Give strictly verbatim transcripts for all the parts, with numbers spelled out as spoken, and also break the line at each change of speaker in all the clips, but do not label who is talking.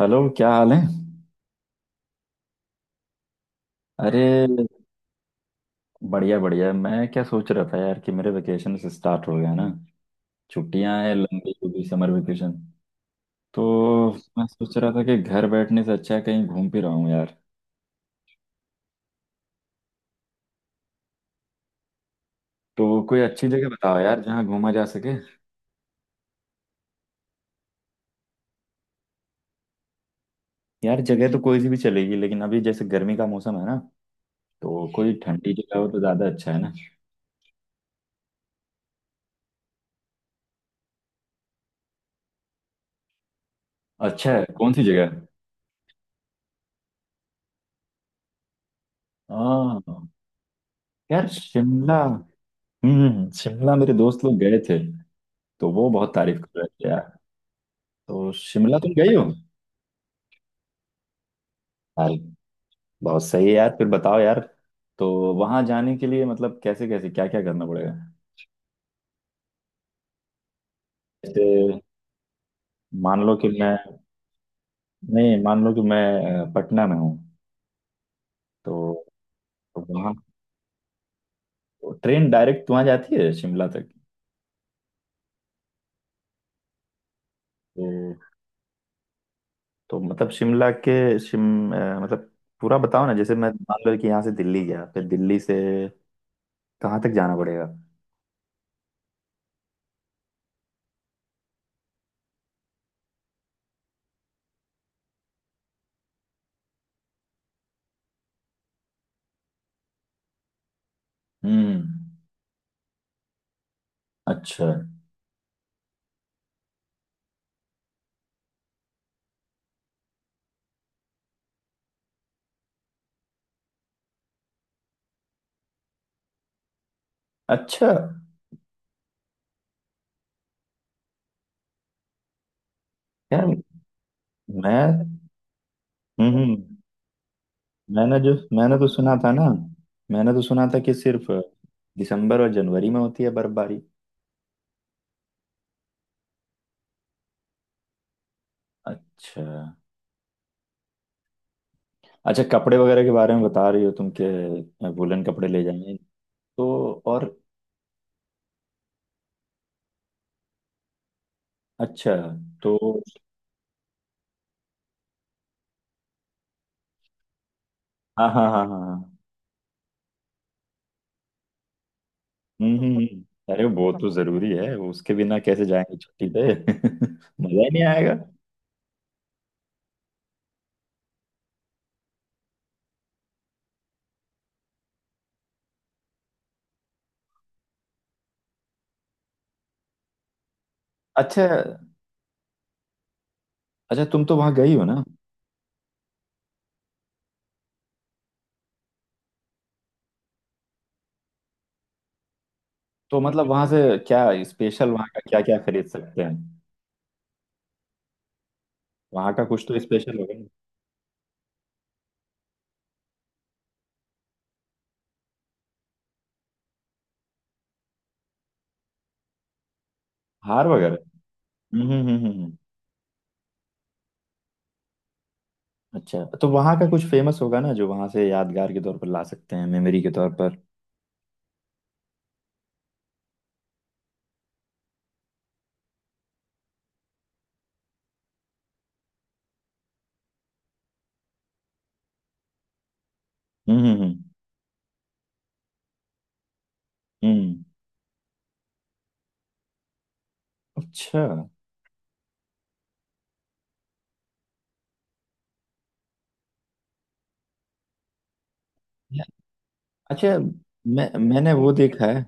Hello, क्या हाल है। अरे, बढ़िया बढ़िया। मैं क्या सोच रहा था यार कि मेरे वेकेशन स्टार्ट हो गया ना। छुट्टियां हैं, लंबी लंबी समर वेकेशन। तो मैं सोच रहा था कि घर बैठने से अच्छा है कहीं घूम फिर आऊं यार। तो कोई अच्छी जगह बताओ यार, जहाँ घूमा जा सके। यार, जगह तो कोई सी भी चलेगी, लेकिन अभी जैसे गर्मी का मौसम है ना, तो कोई ठंडी जगह हो तो ज्यादा अच्छा है ना। अच्छा है, कौन सी जगह। हाँ। यार, शिमला। हम्म। शिमला मेरे दोस्त लोग गए थे, तो वो बहुत तारीफ कर रहे थे। तो शिमला तुम गई हो। यार, बहुत सही है यार। फिर बताओ यार। तो वहां जाने के लिए मतलब कैसे कैसे क्या क्या करना पड़ेगा। जैसे मान लो कि मैं, नहीं मान लो कि मैं अ, पटना में हूँ। तो वहाँ ट्रेन डायरेक्ट वहाँ जाती है शिमला तक। तो तो मतलब शिमला के शिम अ, मतलब पूरा बताओ ना। जैसे मैं मान लो कि यहाँ से दिल्ली गया, फिर दिल्ली से कहाँ तक जाना पड़ेगा। हम्म। अच्छा अच्छा। यार मैं, हम्म हम्म। मैंने जो मैंने तो सुना था ना। मैंने तो सुना था कि सिर्फ दिसंबर और जनवरी में होती है बर्फबारी। अच्छा। अच्छा, कपड़े वगैरह के बारे में बता रही हो तुम, के वुलन कपड़े ले जाएंगे। तो और अच्छा। तो हाँ हाँ हाँ हाँ हाँ। हम्म हम्म हम्म। अरे, वो तो जरूरी है, उसके बिना कैसे जाएंगे छुट्टी पे मजा ही नहीं आएगा। अच्छा। अच्छा, तुम तो वहां गई हो ना। तो मतलब वहां से क्या स्पेशल, वहां का क्या क्या खरीद सकते हैं। वहां का कुछ तो स्पेशल होगा ना। हार वगैरह। हम्म हम्म हम्म, हम्म। हम्म। अच्छा, तो वहाँ का कुछ फेमस होगा ना जो वहाँ से यादगार के तौर पर ला सकते हैं, मेमोरी के तौर पर। हम्म हम्म हम्म हम्म। अच्छा। अच्छा, मैं मैंने वो देखा है।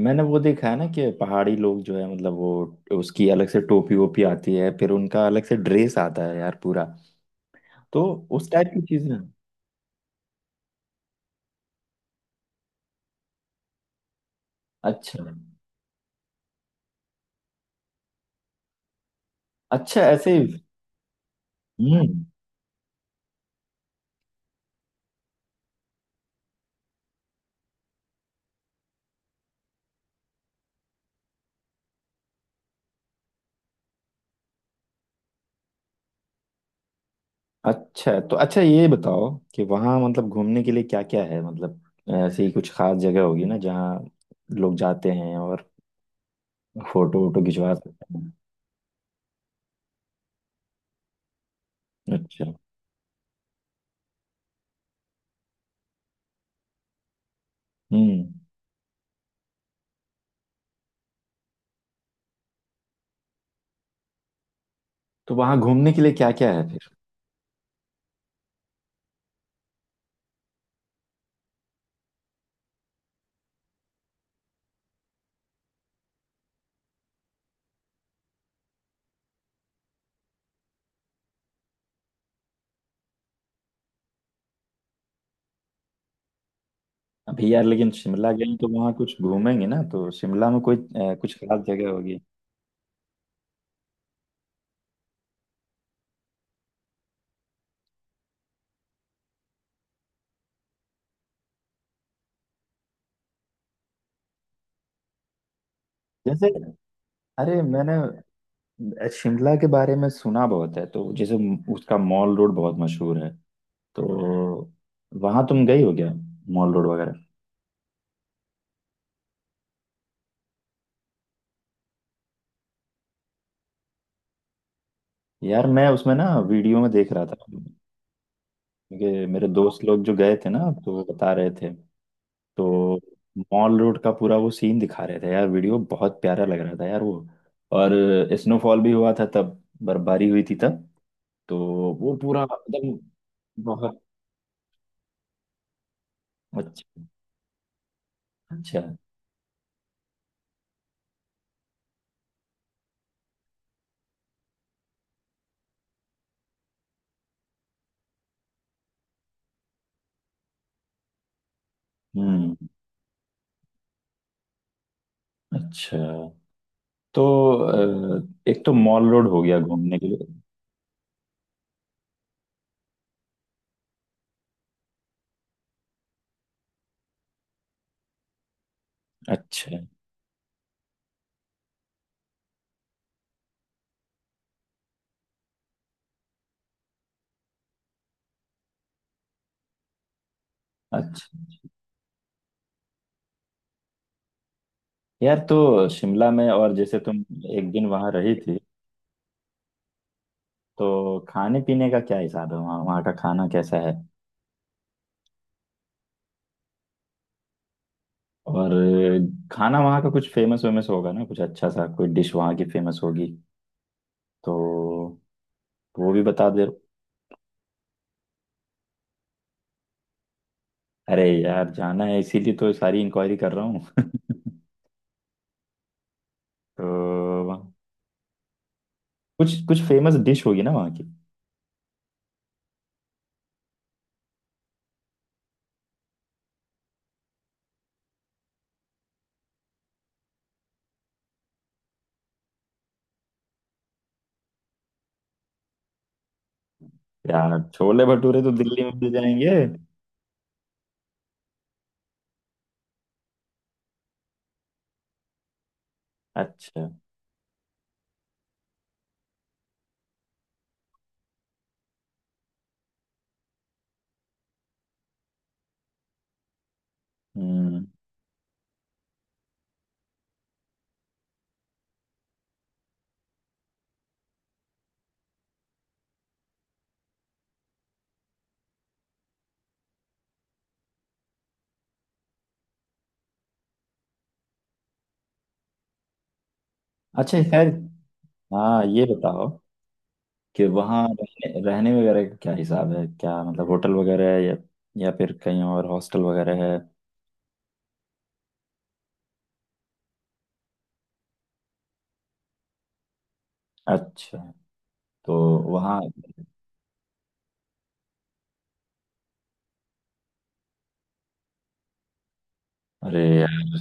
मैंने वो देखा है ना कि पहाड़ी लोग जो है मतलब वो, उसकी अलग से टोपी वोपी आती है, फिर उनका अलग से ड्रेस आता है यार पूरा। तो उस टाइप की चीजें। अच्छा। अच्छा, ऐसे ही। हम्म। अच्छा, तो अच्छा ये बताओ कि वहाँ मतलब घूमने के लिए क्या क्या है, मतलब ऐसी कुछ खास जगह होगी ना जहाँ लोग जाते हैं और फोटो वोटो खिंचवा सकते हैं। अच्छा। हम्म, तो वहाँ घूमने के लिए क्या क्या है फिर। अभी यार, लेकिन शिमला गए तो वहाँ कुछ घूमेंगे ना, तो शिमला में कोई अ, कुछ खास जगह होगी जैसे। अरे मैंने अ, शिमला के बारे में सुना बहुत है, तो जैसे उसका मॉल रोड बहुत मशहूर है। तो वहाँ तुम गई हो क्या, मॉल रोड वगैरह। यार, मैं उसमें ना वीडियो में देख रहा था, क्योंकि मेरे दोस्त लोग जो गए थे ना, तो वो बता रहे थे। तो मॉल रोड का पूरा वो सीन दिखा रहे थे यार, वीडियो बहुत प्यारा लग रहा था यार वो। और स्नोफॉल भी हुआ था तब, बर्फबारी हुई थी तब, तो वो पूरा एकदम बहुत अच्छा। अच्छा। हम्म। अच्छा, तो अ, एक तो मॉल रोड हो गया घूमने के लिए। अच्छा। अच्छा, यार तो शिमला में और जैसे तुम एक दिन वहां रही थी, तो खाने पीने का क्या हिसाब है वहाँ वहाँ का खाना कैसा है। और खाना वहाँ का कुछ फेमस वेमस होगा ना, कुछ अच्छा सा कोई डिश वहाँ की फेमस होगी, तो वो भी बता दे। अरे यार, जाना है इसीलिए तो सारी इंक्वायरी कर रहा हूँ तो वहाँ- कुछ कुछ फेमस डिश होगी ना वहाँ की। यार, छोले भटूरे तो दिल्ली में मिल जाएंगे। अच्छा। हम्म। अच्छा खैर, हाँ ये बताओ कि वहाँ रहने, रहने वगैरह का क्या हिसाब है, क्या मतलब होटल वगैरह है या, या फिर कहीं और हॉस्टल वगैरह है। अच्छा, तो वहाँ, अरे यार।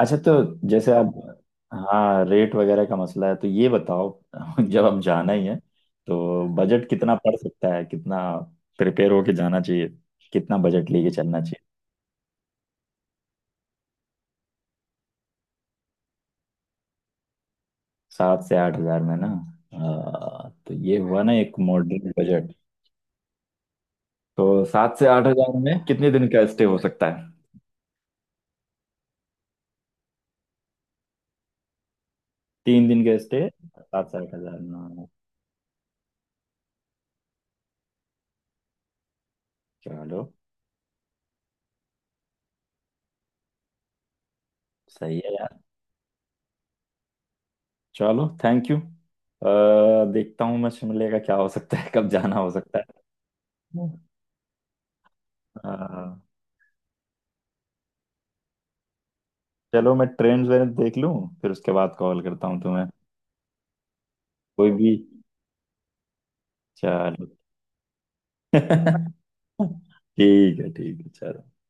अच्छा, तो जैसे आप, हाँ रेट वगैरह का मसला है तो ये बताओ। जब हम जाना ही है, तो बजट कितना पड़ सकता है, कितना प्रिपेयर होके जाना चाहिए, कितना बजट लेके चलना चाहिए। सात से आठ हजार में ना। आ, तो ये हुआ ना एक मॉडरेट बजट। तो सात से आठ हजार में कितने दिन का स्टे हो सकता है। तीन दिन का स्टे, सात से आठ हजार ना। चलो। सही है यार। चलो, थैंक यू। अ, देखता हूँ मैं शिमले का क्या हो सकता है, कब जाना हो सकता है। अ, चलो, मैं ट्रेन वेन देख लूँ, फिर उसके बाद कॉल करता हूँ तुम्हें। कोई भी। चलो। ठीक है ठीक है चलो।